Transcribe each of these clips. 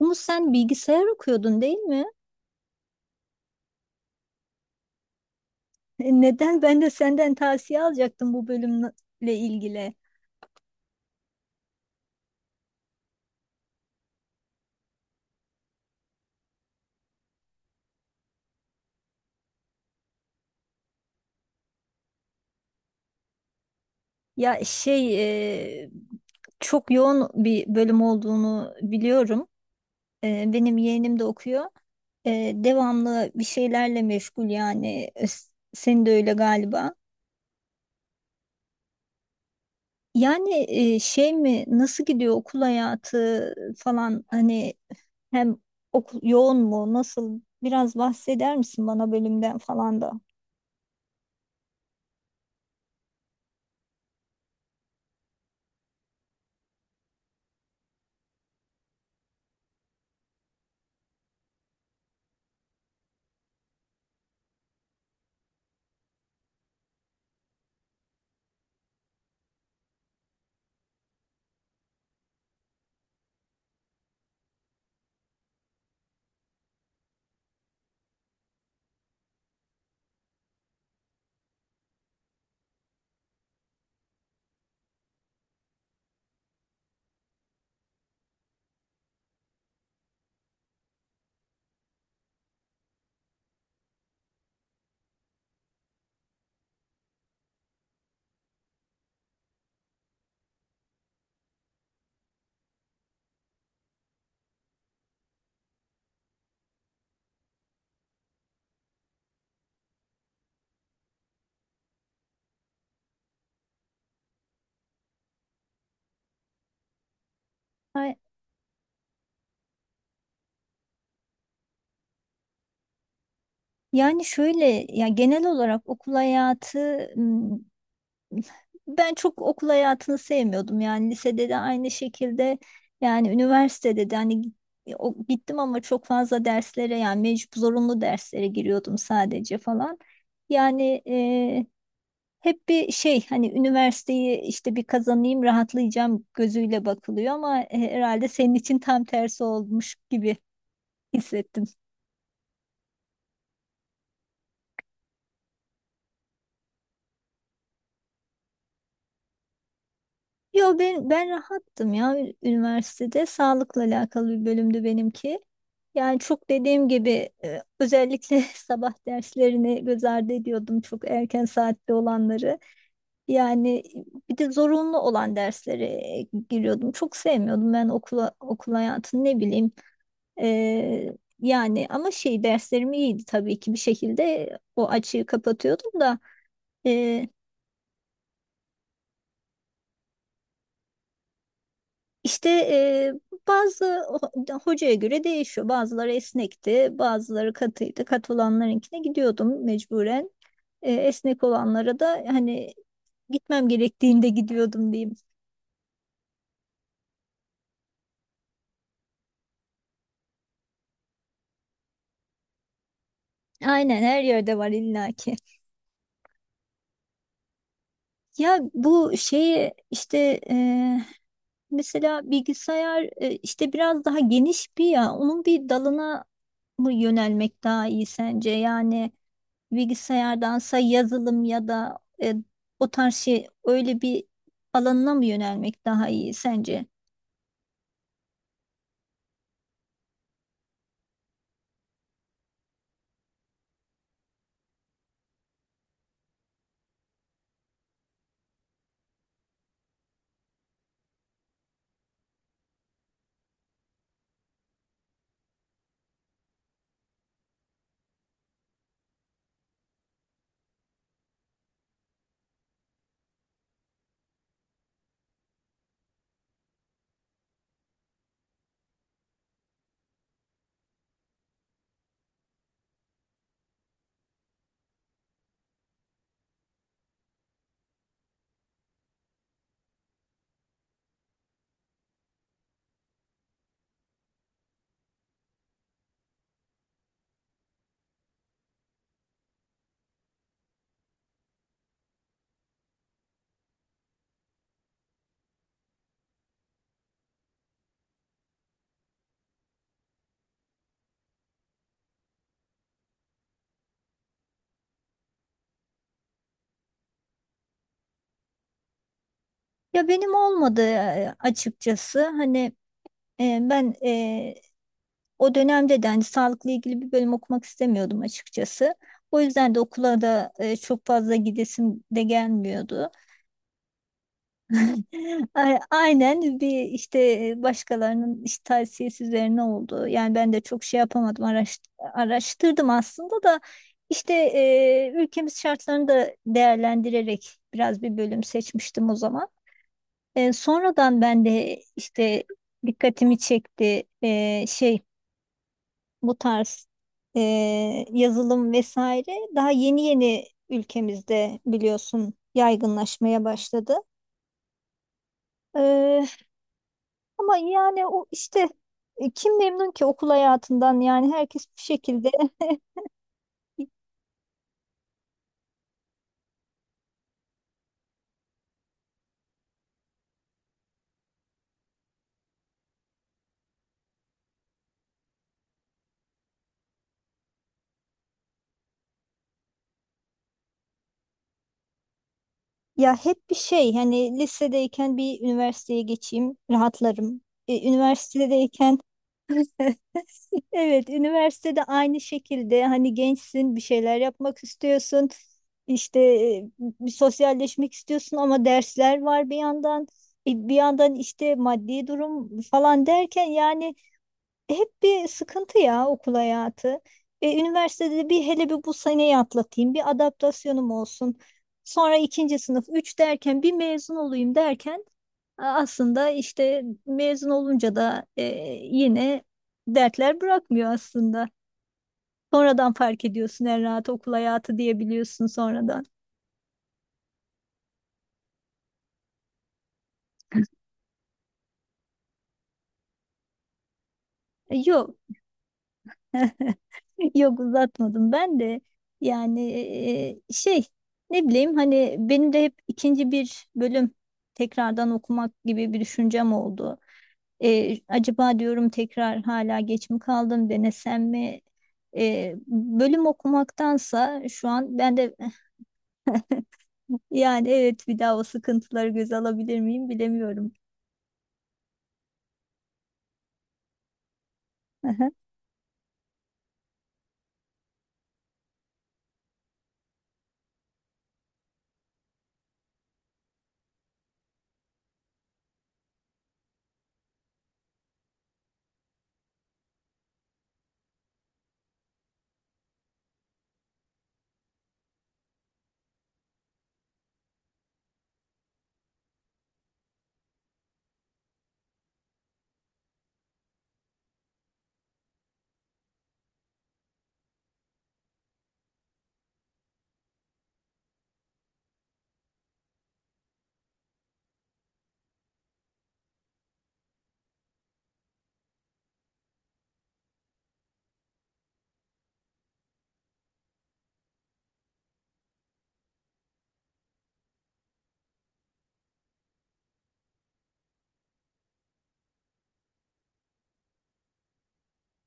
Umut, sen bilgisayar okuyordun, değil mi? Neden ben de senden tavsiye alacaktım bu bölümle ilgili? Ya şey e, Çok yoğun bir bölüm olduğunu biliyorum. Benim yeğenim de okuyor. Devamlı bir şeylerle meşgul yani. Senin de öyle galiba. Yani e, şey mi nasıl gidiyor okul hayatı falan, hani hem okul yoğun mu, nasıl? Biraz bahseder misin bana bölümden falan da? Yani şöyle, ya genel olarak okul hayatı, m, ben çok okul hayatını sevmiyordum, yani lisede de aynı şekilde, yani üniversitede de hani gittim ama çok fazla derslere, yani mecbur zorunlu derslere giriyordum sadece falan. Yani e, Hep bir şey, hani üniversiteyi işte bir kazanayım rahatlayacağım gözüyle bakılıyor, ama herhalde senin için tam tersi olmuş gibi hissettim. Yo, ben rahattım ya. Üniversitede sağlıkla alakalı bir bölümdü benimki. Yani çok, dediğim gibi, özellikle sabah derslerini göz ardı ediyordum, çok erken saatte olanları. Yani bir de zorunlu olan derslere giriyordum. Çok sevmiyordum ben okula, okul hayatını, ne bileyim. E, yani ama şey, derslerim iyiydi tabii ki, bir şekilde o açığı kapatıyordum da. İşte e, Bazı hocaya göre değişiyor. Bazıları esnekti, bazıları katıydı. Katı olanlarınkine gidiyordum mecburen. Esnek olanlara da hani gitmem gerektiğinde gidiyordum diyeyim. Aynen, her yerde var illaki. Ya bu şeyi işte e, Mesela bilgisayar, işte biraz daha geniş bir, ya onun bir dalına mı yönelmek daha iyi sence? Yani bilgisayardansa yazılım ya da o tarz şey, öyle bir alanına mı yönelmek daha iyi sence? Ya benim olmadı açıkçası. Hani e, ben e, o dönemde de hani sağlıkla ilgili bir bölüm okumak istemiyordum açıkçası. O yüzden de okula da çok fazla gidesim de gelmiyordu. Aynen, bir işte başkalarının işte tavsiyesi üzerine oldu. Yani ben de çok şey yapamadım, araştırdım aslında da işte, ülkemiz şartlarını da değerlendirerek biraz bir bölüm seçmiştim o zaman. Sonradan ben de işte dikkatimi çekti, şey, bu tarz e, yazılım vesaire daha yeni yeni ülkemizde, biliyorsun, yaygınlaşmaya başladı. Ama yani o işte, kim memnun ki okul hayatından, yani herkes bir şekilde ya hep bir şey, hani lisedeyken bir üniversiteye geçeyim rahatlarım. Üniversitedeyken evet, üniversitede aynı şekilde, hani gençsin, bir şeyler yapmak istiyorsun, işte bir sosyalleşmek istiyorsun, ama dersler var bir yandan, bir yandan işte maddi durum falan derken, yani hep bir sıkıntı ya okul hayatı. Üniversitede bir, hele bir bu seneyi atlatayım, bir adaptasyonum olsun. Sonra ikinci sınıf, üç derken, bir mezun olayım derken. Aslında işte mezun olunca da yine dertler bırakmıyor aslında. Sonradan fark ediyorsun, en rahat okul hayatı diyebiliyorsun sonradan. Yok. Yok, uzatmadım ben de. Yani, ne bileyim, hani benim de hep ikinci bir bölüm tekrardan okumak gibi bir düşüncem oldu. Acaba diyorum, tekrar, hala geç mi kaldım, denesem mi? Bölüm okumaktansa şu an ben de, yani, evet, bir daha o sıkıntıları göze alabilir miyim bilemiyorum. Aha.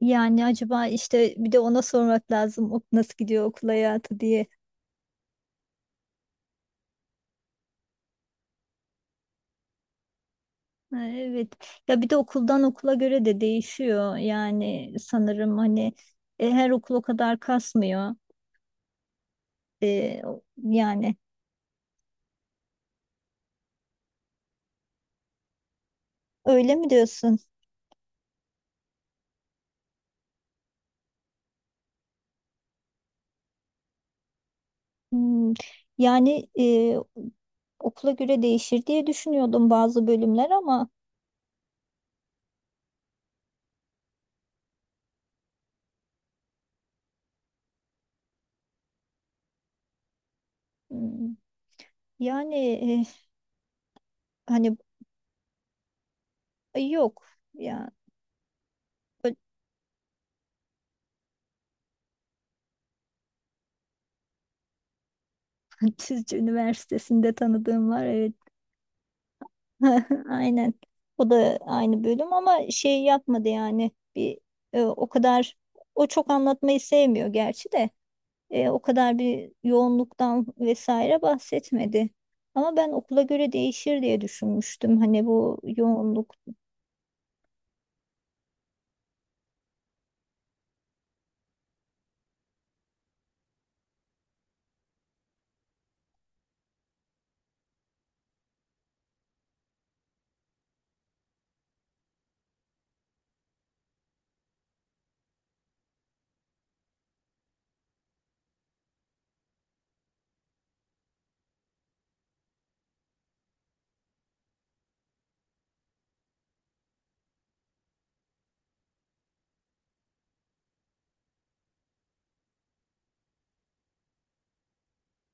Yani acaba işte bir de ona sormak lazım, ok nasıl gidiyor okul hayatı diye. Ha, evet, ya bir de okuldan okula göre de değişiyor yani, sanırım hani her okul o kadar kasmıyor. Yani, öyle mi diyorsun? Hmm. Yani, okula göre değişir diye düşünüyordum, bazı bölümler ama. Hmm, yani e, hani yok ya. Çizci Üniversitesi'nde tanıdığım var, evet. Aynen. O da aynı bölüm, ama şey yapmadı yani, bir o kadar, o çok anlatmayı sevmiyor gerçi de, o kadar bir yoğunluktan vesaire bahsetmedi. Ama ben okula göre değişir diye düşünmüştüm, hani bu yoğunluk.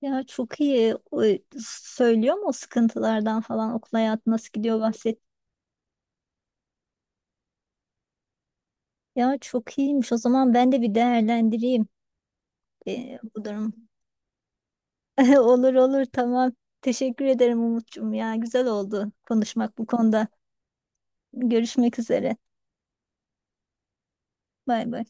Ya çok iyi, o söylüyor mu, o sıkıntılardan falan okul hayatı nasıl gidiyor, bahset. Ya çok iyiymiş o zaman, ben de bir değerlendireyim bu durum. Olur olur, tamam. Teşekkür ederim Umut'cum ya. Güzel oldu konuşmak bu konuda. Görüşmek üzere. Bay bay.